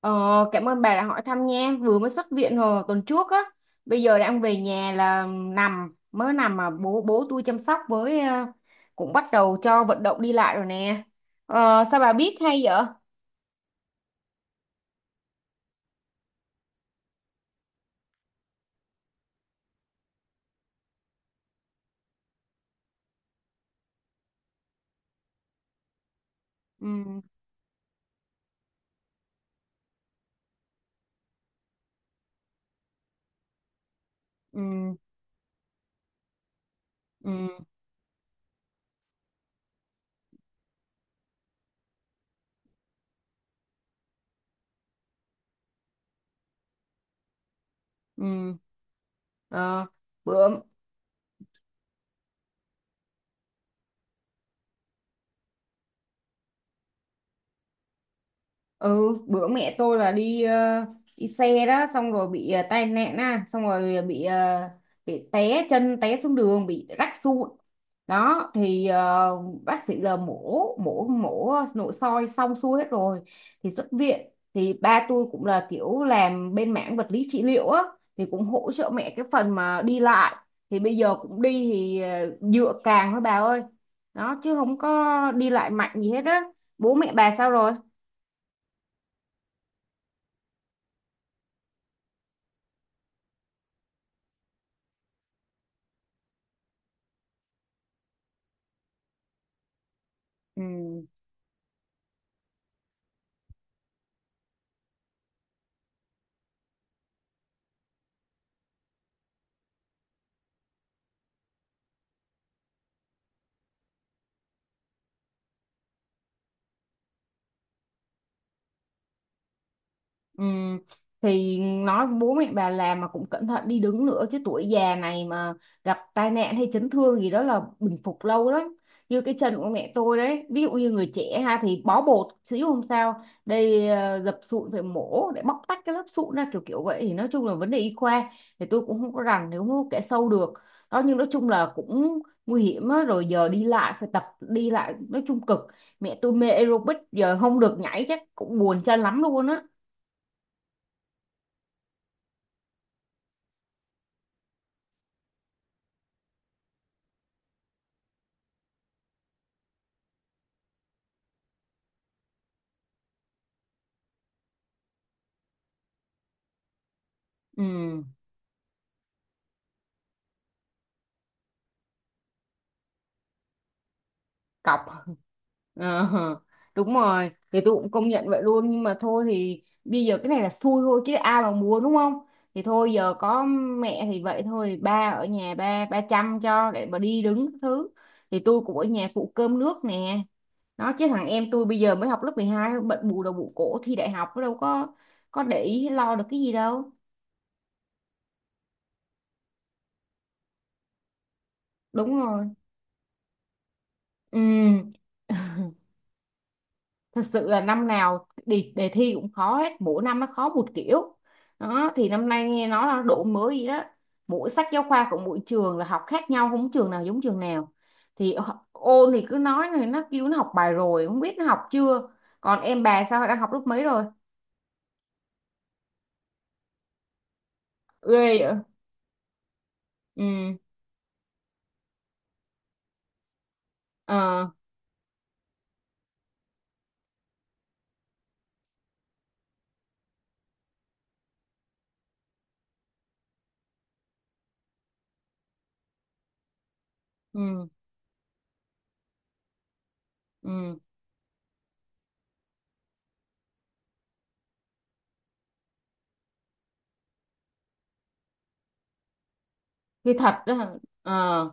Ờ, cảm ơn bà đã hỏi thăm nha. Vừa mới xuất viện hồi tuần trước á. Bây giờ đang về nhà là nằm, mới nằm mà bố bố tôi chăm sóc, với cũng bắt đầu cho vận động đi lại rồi nè. Ờ, sao bà biết hay vậy? Ừ, ừ, ừ, ừ. Ờ, bữa ừ bữa mẹ tôi là đi xe đó, xong rồi bị tai nạn á, xong rồi bị bị té chân, té xuống đường, bị rách sụn đó. Thì bác sĩ giờ mổ mổ mổ nội soi xong xuôi hết rồi. Thì xuất viện, thì ba tôi cũng là kiểu làm bên mảng vật lý trị liệu á, thì cũng hỗ trợ mẹ cái phần mà đi lại. Thì bây giờ cũng đi, thì dựa càng thôi bà ơi, đó chứ không có đi lại mạnh gì hết á. Bố mẹ bà sao rồi? Ừ. Ừ, thì nói bố mẹ bà làm mà cũng cẩn thận đi đứng nữa chứ, tuổi già này mà gặp tai nạn hay chấn thương gì đó là bình phục lâu lắm. Như cái chân của mẹ tôi đấy, ví dụ như người trẻ ha thì bó bột xíu không sao, đây dập sụn phải mổ để bóc tách cái lớp sụn ra, kiểu kiểu vậy. Thì nói chung là vấn đề y khoa thì tôi cũng không có rành, nếu không có kẻ sâu được đó. Nhưng nói chung là cũng nguy hiểm á. Rồi giờ đi lại phải tập đi lại, nói chung cực. Mẹ tôi mê aerobic giờ không được nhảy chắc cũng buồn chân lắm luôn á. Ừ, cọc. Ờ, đúng rồi, thì tôi cũng công nhận vậy luôn. Nhưng mà thôi thì bây giờ cái này là xui thôi, chứ ai mà mua đúng không. Thì thôi giờ có mẹ thì vậy thôi, ba ở nhà, ba ba chăm cho để mà đi đứng các thứ. Thì tôi cũng ở nhà phụ cơm nước nè. Nó chứ thằng em tôi bây giờ mới học lớp mười hai, bận bù đầu bù cổ thi đại học, nó đâu có để ý hay lo được cái gì đâu. Đúng rồi. Ừ, thật sự là năm nào đề thi cũng khó hết, mỗi năm nó khó một kiểu đó. Thì năm nay nghe nói là độ mới gì đó, mỗi sách giáo khoa của mỗi trường là học khác nhau, không trường nào giống trường nào. Thì ôn thì cứ nói, này nó kêu nó học bài rồi không biết nó học chưa. Còn em bà sao, đang học lớp mấy rồi? Ghê vậy. Ừ. Ờ. Ừ. Ừ, thì thật đó. Ờ.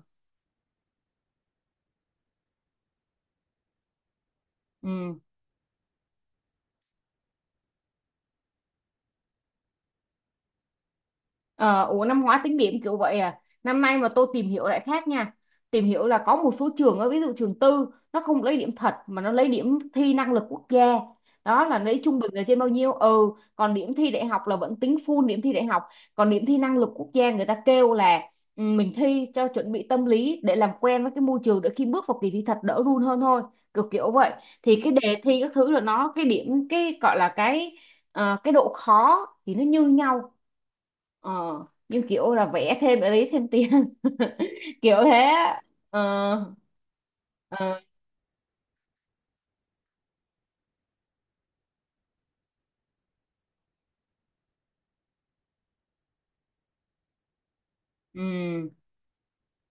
Ừ. Ờ, ủa năm hóa tính điểm kiểu vậy à? Năm nay mà tôi tìm hiểu lại khác nha. Tìm hiểu là có một số trường, ở ví dụ trường tư, nó không lấy điểm thật mà nó lấy điểm thi năng lực quốc gia đó, là lấy trung bình là trên bao nhiêu. Ừ. Còn điểm thi đại học là vẫn tính full điểm thi đại học. Còn điểm thi năng lực quốc gia người ta kêu là, mình thi cho chuẩn bị tâm lý để làm quen với cái môi trường, để khi bước vào kỳ thi thật đỡ run hơn thôi, kiểu kiểu vậy. Thì cái đề thi các thứ là nó, cái điểm cái gọi là cái độ khó thì nó như nhau. Ờ. Nhưng kiểu là vẽ thêm để lấy thêm tiền. Kiểu thế á. Ờ. Ờ. Ừ.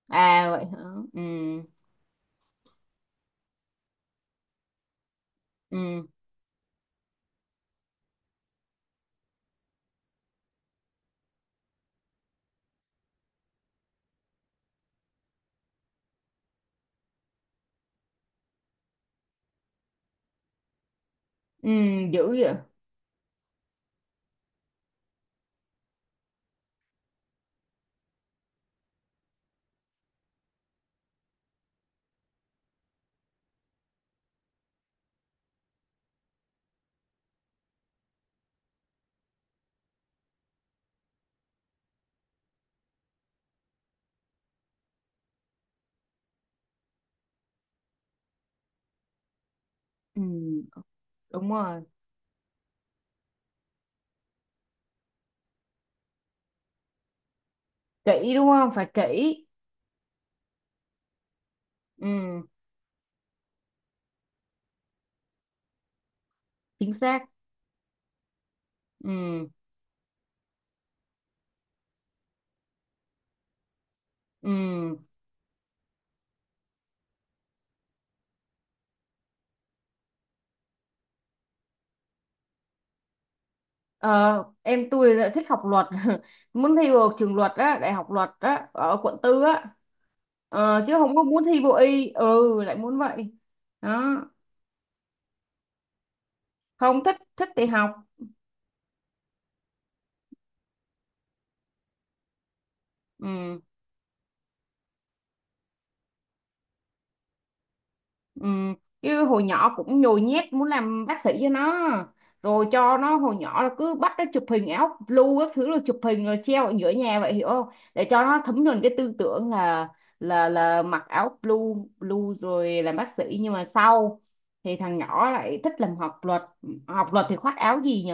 À vậy hả. Ừ. Ừ. Ừ, dữ vậy. Ừ, đúng rồi. Kỹ đúng không, phải kỹ. Ừ, chính xác. Ừ. Ừ. ờ em tôi lại thích học luật. Muốn thi vào trường luật á, đại học luật á, ở quận tư á. Ờ, chứ không có muốn thi vô y. Ừ, lại muốn vậy đó. Không thích, thích thì học. Ừ. Ừ, chứ hồi nhỏ cũng nhồi nhét muốn làm bác sĩ cho nó, rồi cho nó hồi nhỏ là cứ bắt nó chụp hình áo blue các thứ, rồi chụp hình rồi treo ở giữa nhà vậy, hiểu không? Để cho nó thấm nhuần cái tư tưởng là là mặc áo blue blue rồi làm bác sĩ. Nhưng mà sau thì thằng nhỏ lại thích làm, học luật. Học luật thì khoác áo gì nhỉ?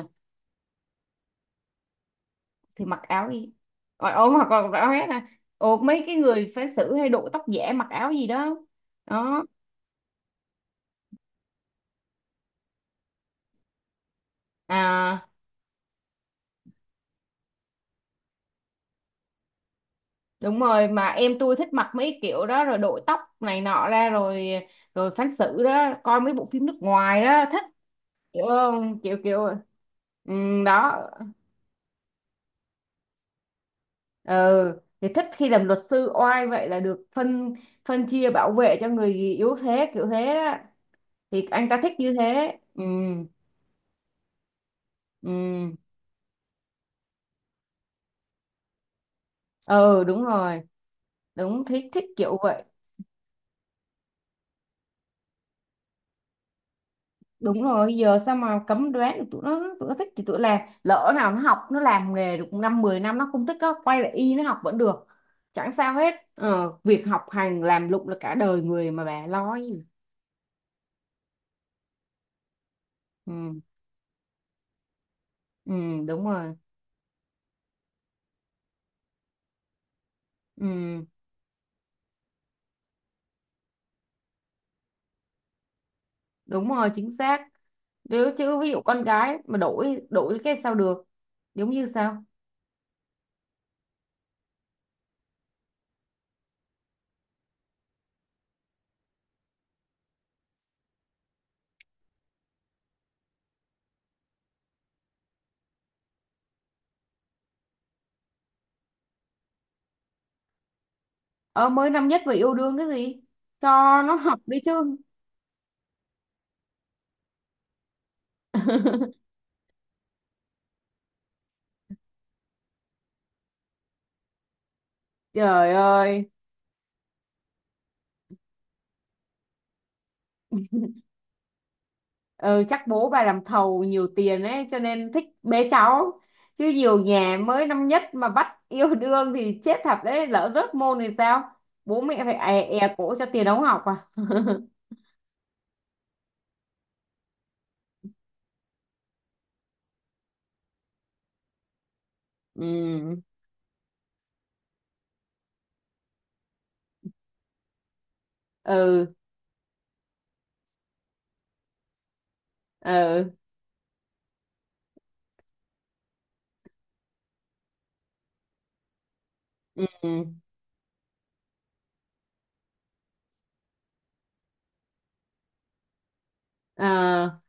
Thì mặc áo gì, ôi ôm hoặc là áo hết à? Ồ, mấy cái người phán xử hay đội tóc giả mặc áo gì đó đó à. Đúng rồi, mà em tôi thích mặc mấy kiểu đó, rồi đội tóc này nọ ra rồi rồi phán xử đó, coi mấy bộ phim nước ngoài đó thích. Kiểu không, kiểu kiểu. Ừ, đó. Ừ, thì thích khi làm luật sư oai vậy, là được phân phân chia bảo vệ cho người yếu thế, kiểu thế đó. Thì anh ta thích như thế. Ừ. Ừ. Ừ, đúng rồi, đúng thích, thích kiểu vậy. Đúng rồi, giờ sao mà cấm đoán được tụi nó. Tụi nó thích thì tụi làm, lỡ nào nó học nó làm nghề được năm 10 năm nó không thích nó quay lại y nó học vẫn được, chẳng sao hết. Ờ, việc học hành làm lụng là cả đời người mà, bà lo gì. Ừ. Ừ, đúng rồi. Ừ, đúng rồi, chính xác. Nếu chứ ví dụ con gái mà đổi đổi cái sao được. Giống như sao. Ờ mới năm nhất mà yêu đương cái gì, cho nó học đi chứ. Trời ơi. Ừ, chắc bố bà làm thầu nhiều tiền ấy cho nên thích bế cháu, chứ nhiều nhà mới năm nhất mà bắt yêu đương thì chết thật đấy, lỡ rớt môn thì sao, bố mẹ phải è cổ cho tiền ống học à. Ừ. Ừ. Ừ. Ừ. À,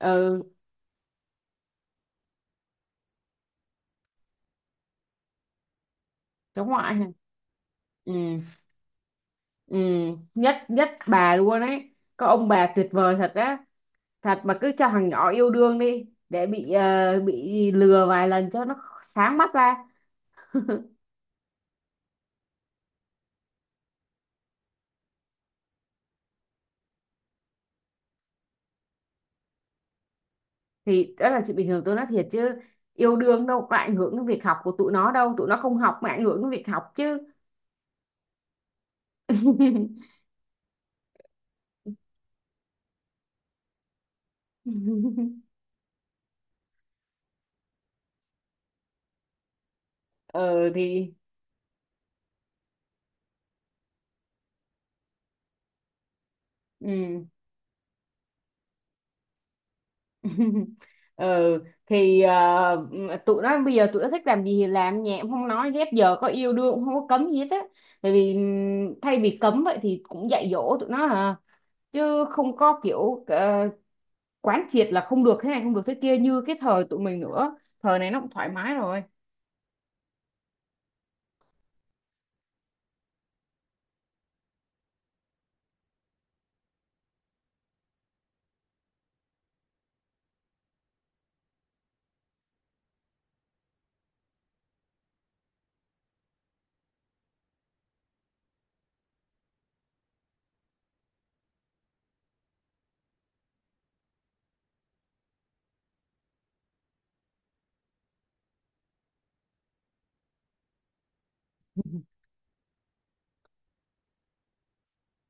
ừ. Cháu ngoại hả? Ừ. Ừ. Nhất nhất bà luôn ấy, có ông bà tuyệt vời thật á. Thật mà, cứ cho thằng nhỏ yêu đương đi, để bị bị lừa vài lần cho nó sáng mắt ra. Thì đó là chuyện bình thường, tôi nói thiệt chứ, yêu đương đâu có ảnh hưởng đến việc học của tụi nó đâu, tụi nó không học mà ảnh hưởng đến việc học chứ. Ờ thì. Ừ. Ờ thì tụi nó bây giờ tụi nó thích làm gì thì làm, nhẹ cũng không nói ghép, giờ có yêu đương cũng không có cấm gì hết á. Tại vì thay vì cấm vậy thì cũng dạy dỗ tụi nó à, chứ không có kiểu quán triệt là không được thế này không được thế kia như cái thời tụi mình nữa. Thời này nó cũng thoải mái rồi.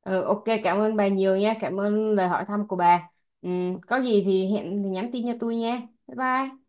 Ừ, ok, cảm ơn bà nhiều nha, cảm ơn lời hỏi thăm của bà. Ừ, có gì thì hẹn thì nhắn tin cho tôi nha. Bye bye.